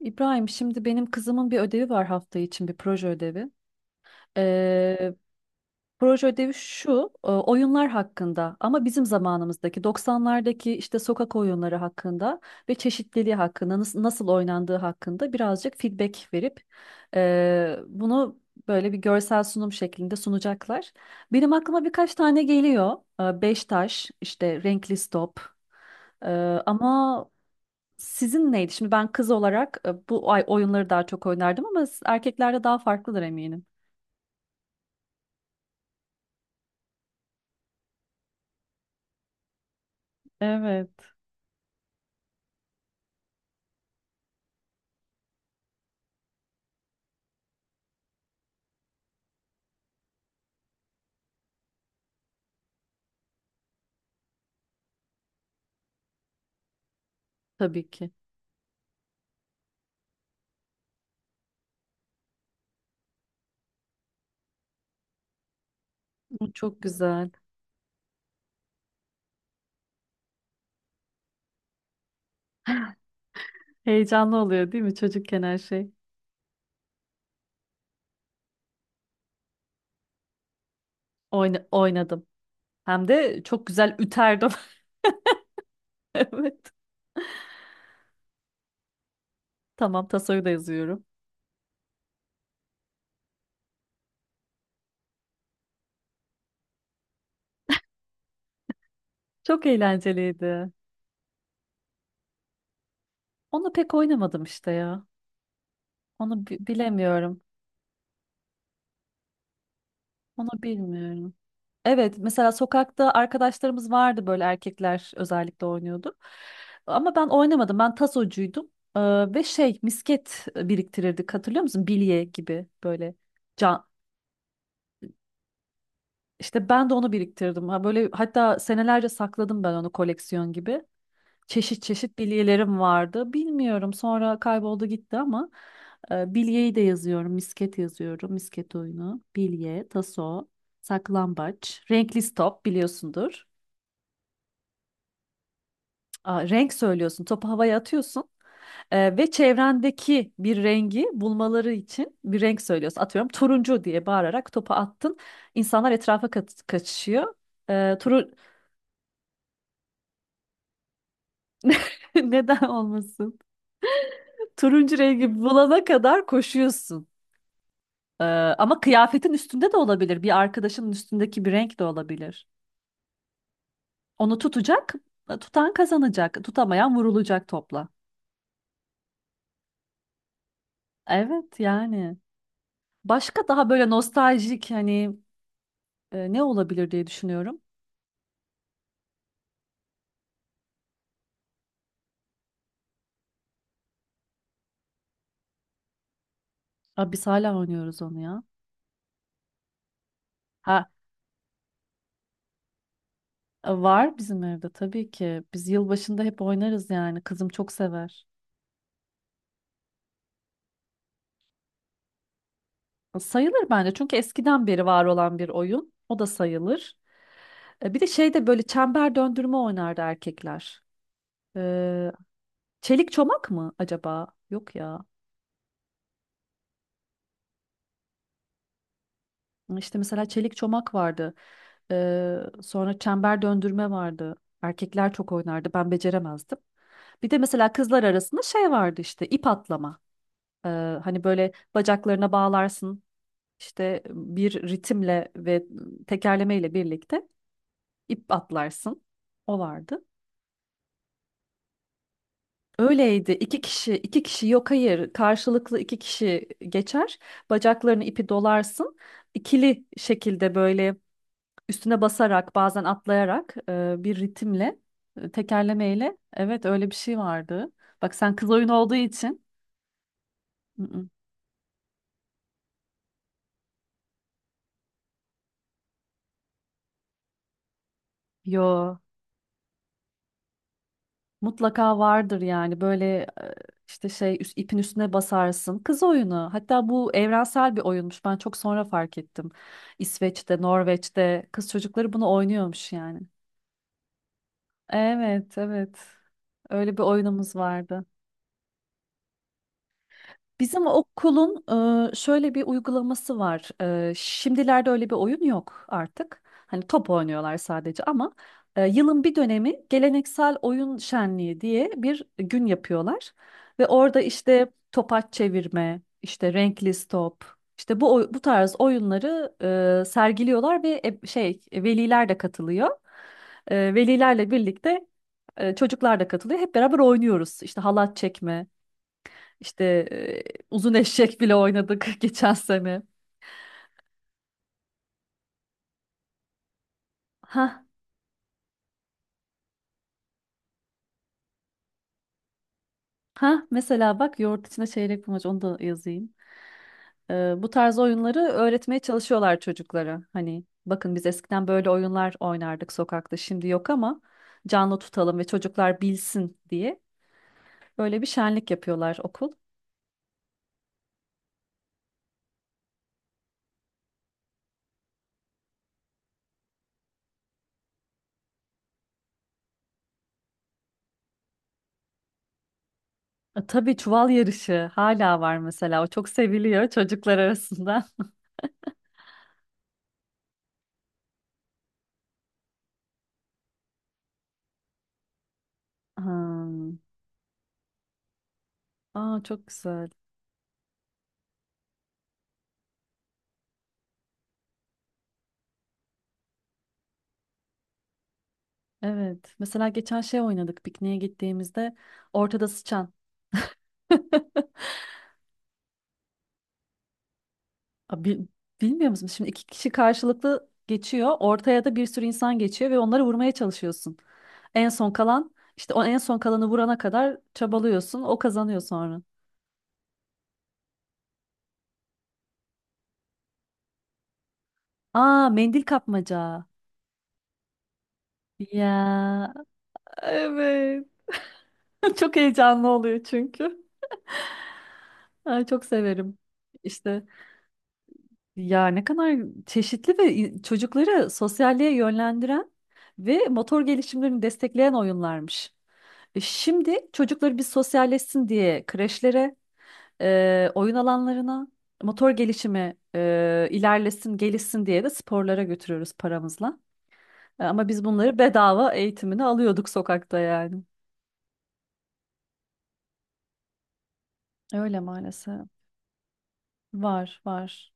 İbrahim, şimdi benim kızımın bir ödevi var hafta için bir proje ödevi. Ee, Proje ödevi şu, oyunlar hakkında ama bizim zamanımızdaki 90'lardaki işte sokak oyunları hakkında ve çeşitliliği hakkında nasıl oynandığı hakkında birazcık feedback verip bunu böyle bir görsel sunum şeklinde sunacaklar. Benim aklıma birkaç tane geliyor. Beş taş, işte renkli stop. E, Ama sizin neydi? Şimdi ben kız olarak bu ay oyunları daha çok oynardım ama erkeklerde daha farklıdır eminim. Evet. Tabii ki. Bu çok güzel. Heyecanlı oluyor değil mi çocukken her şey? Oynadım. Hem de çok güzel üterdim. Evet. Tamam tasoyu da yazıyorum. Çok eğlenceliydi. Onu pek oynamadım işte ya. Onu bilemiyorum. Onu bilmiyorum. Evet, mesela sokakta arkadaşlarımız vardı böyle erkekler özellikle oynuyordu. Ama ben oynamadım. Ben tasocuydum. Ee, Ve şey misket biriktirirdik hatırlıyor musun? Bilye gibi böyle can. İşte ben de onu biriktirdim. Ha, böyle hatta senelerce sakladım ben onu koleksiyon gibi. Çeşit çeşit bilyelerim vardı. Bilmiyorum sonra kayboldu gitti ama bilyeyi de yazıyorum. Misket yazıyorum. Misket oyunu, bilye, taso, saklambaç, renkli stop biliyorsundur. Aa, renk söylüyorsun, topu havaya atıyorsun, ve çevrendeki bir rengi bulmaları için bir renk söylüyorsun. Atıyorum turuncu diye bağırarak topu attın. İnsanlar etrafa kaçışıyor. E, turu Neden olmasın? Turuncu rengi bulana kadar koşuyorsun. E, Ama kıyafetin üstünde de olabilir, bir arkadaşının üstündeki bir renk de olabilir. Onu tutacak, tutan kazanacak, tutamayan vurulacak topla. Evet yani. Başka daha böyle nostaljik hani, ne olabilir diye düşünüyorum. Aa, biz hala oynuyoruz onu ya. Ha, var bizim evde tabii ki. Biz yılbaşında hep oynarız yani. Kızım çok sever. Sayılır bence çünkü eskiden beri var olan bir oyun. O da sayılır. Bir de şeyde böyle çember döndürme oynardı erkekler. E, Çelik çomak mı acaba? Yok ya. İşte mesela çelik çomak vardı. Ee, Sonra çember döndürme vardı. Erkekler çok oynardı. Ben beceremezdim. Bir de mesela kızlar arasında şey vardı işte ip atlama. Ee, Hani böyle bacaklarına bağlarsın. İşte bir ritimle ve tekerlemeyle birlikte ip atlarsın. O vardı. Öyleydi. İki kişi, iki kişi yok hayır. Karşılıklı iki kişi geçer. Bacaklarını ipi dolarsın. İkili şekilde böyle üstüne basarak bazen atlayarak bir ritimle, tekerlemeyle, evet, öyle bir şey vardı. Bak sen kız oyunu olduğu için. Mm-mm. Yo, mutlaka vardır yani böyle, e, işte şey ipin üstüne basarsın. Kız oyunu, hatta bu evrensel bir oyunmuş, ben çok sonra fark ettim. İsveç'te, Norveç'te kız çocukları bunu oynuyormuş yani. Evet, evet, öyle bir oyunumuz vardı. Bizim okulun şöyle bir uygulaması var. Şimdilerde öyle bir oyun yok artık. Hani top oynuyorlar sadece ama yılın bir dönemi geleneksel oyun şenliği diye bir gün yapıyorlar. Ve orada işte topaç çevirme, işte renkli top, işte bu bu tarz oyunları sergiliyorlar ve şey veliler de katılıyor. Velilerle birlikte çocuklar da katılıyor. Hep beraber oynuyoruz. İşte halat çekme. İşte, e, uzun eşek bile oynadık geçen sene. Ha, ha, mesela bak yoğurt içine çeyrek bulmaca onu da yazayım. Bu tarz oyunları öğretmeye çalışıyorlar çocuklara. Hani bakın biz eskiden böyle oyunlar oynardık sokakta şimdi yok ama canlı tutalım ve çocuklar bilsin diye böyle bir şenlik yapıyorlar okul. Tabii çuval yarışı hala var mesela, o çok seviliyor çocuklar arasında. Hmm. Aa, çok güzel. Evet. Mesela geçen şey oynadık pikniğe gittiğimizde, ortada sıçan. Aa, bilmiyor musun? Şimdi iki kişi karşılıklı geçiyor. Ortaya da bir sürü insan geçiyor ve onları vurmaya çalışıyorsun. En son kalan işte, o en son kalanı vurana kadar çabalıyorsun. O kazanıyor sonra. Aa, mendil kapmaca. Ya, evet. Çok heyecanlı oluyor çünkü. Ay, çok severim. İşte, ya ne kadar çeşitli ve çocukları sosyalliğe yönlendiren ve motor gelişimlerini destekleyen oyunlarmış. Şimdi çocukları bir sosyalleşsin diye kreşlere, oyun alanlarına, motor gelişimi ilerlesin, gelişsin diye de sporlara götürüyoruz paramızla. Ama biz bunları bedava eğitimini alıyorduk sokakta yani. Öyle maalesef. Var, var.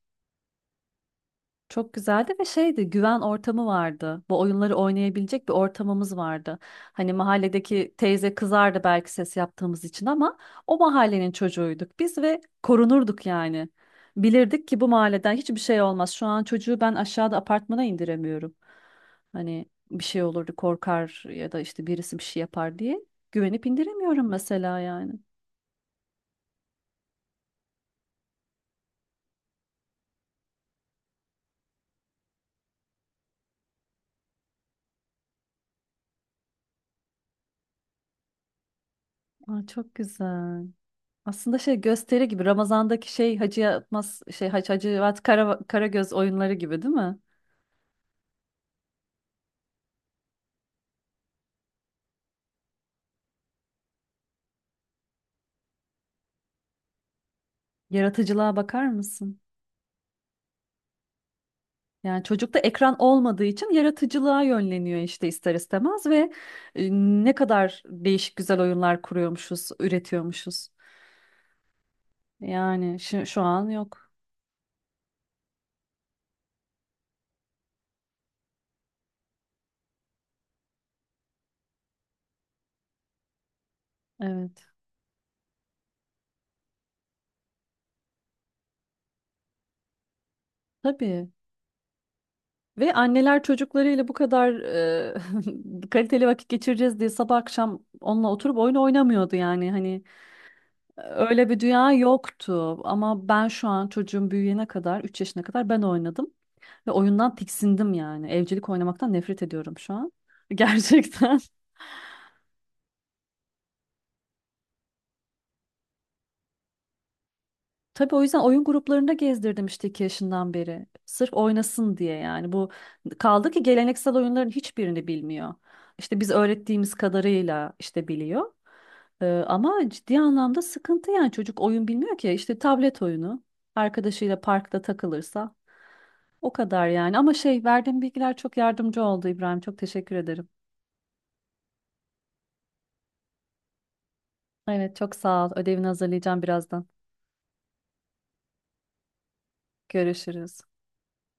Çok güzeldi ve şeydi, güven ortamı vardı. Bu oyunları oynayabilecek bir ortamımız vardı. Hani mahalledeki teyze kızardı belki ses yaptığımız için ama o mahallenin çocuğuyduk biz ve korunurduk yani. Bilirdik ki bu mahalleden hiçbir şey olmaz. Şu an çocuğu ben aşağıda apartmana indiremiyorum. Hani bir şey olurdu korkar ya da işte birisi bir şey yapar diye güvenip indiremiyorum mesela yani. Aa, çok güzel. Aslında şey gösteri gibi, Ramazan'daki şey Hacı Yatmaz, şey Hacivat Kara, Karagöz oyunları gibi değil mi? Yaratıcılığa bakar mısın? Yani çocukta ekran olmadığı için yaratıcılığa yönleniyor işte ister istemez ve ne kadar değişik güzel oyunlar kuruyormuşuz, üretiyormuşuz. Yani şu an yok. Evet. Tabii. Ve anneler çocuklarıyla bu kadar kaliteli vakit geçireceğiz diye sabah akşam onunla oturup oyun oynamıyordu yani, hani. Öyle bir dünya yoktu ama ben şu an çocuğum büyüyene kadar 3 yaşına kadar ben oynadım ve oyundan tiksindim yani. Evcilik oynamaktan nefret ediyorum şu an. Gerçekten. Tabii o yüzden oyun gruplarında gezdirdim işte 2 yaşından beri. Sırf oynasın diye yani. Bu kaldı ki geleneksel oyunların hiçbirini bilmiyor. İşte biz öğrettiğimiz kadarıyla işte biliyor. Ama ciddi anlamda sıkıntı yani, çocuk oyun bilmiyor ki. İşte tablet oyunu, arkadaşıyla parkta takılırsa. O kadar yani. Ama şey, verdiğim bilgiler çok yardımcı oldu İbrahim. Çok teşekkür ederim. Evet, çok sağ ol. Ödevini hazırlayacağım birazdan. Görüşürüz.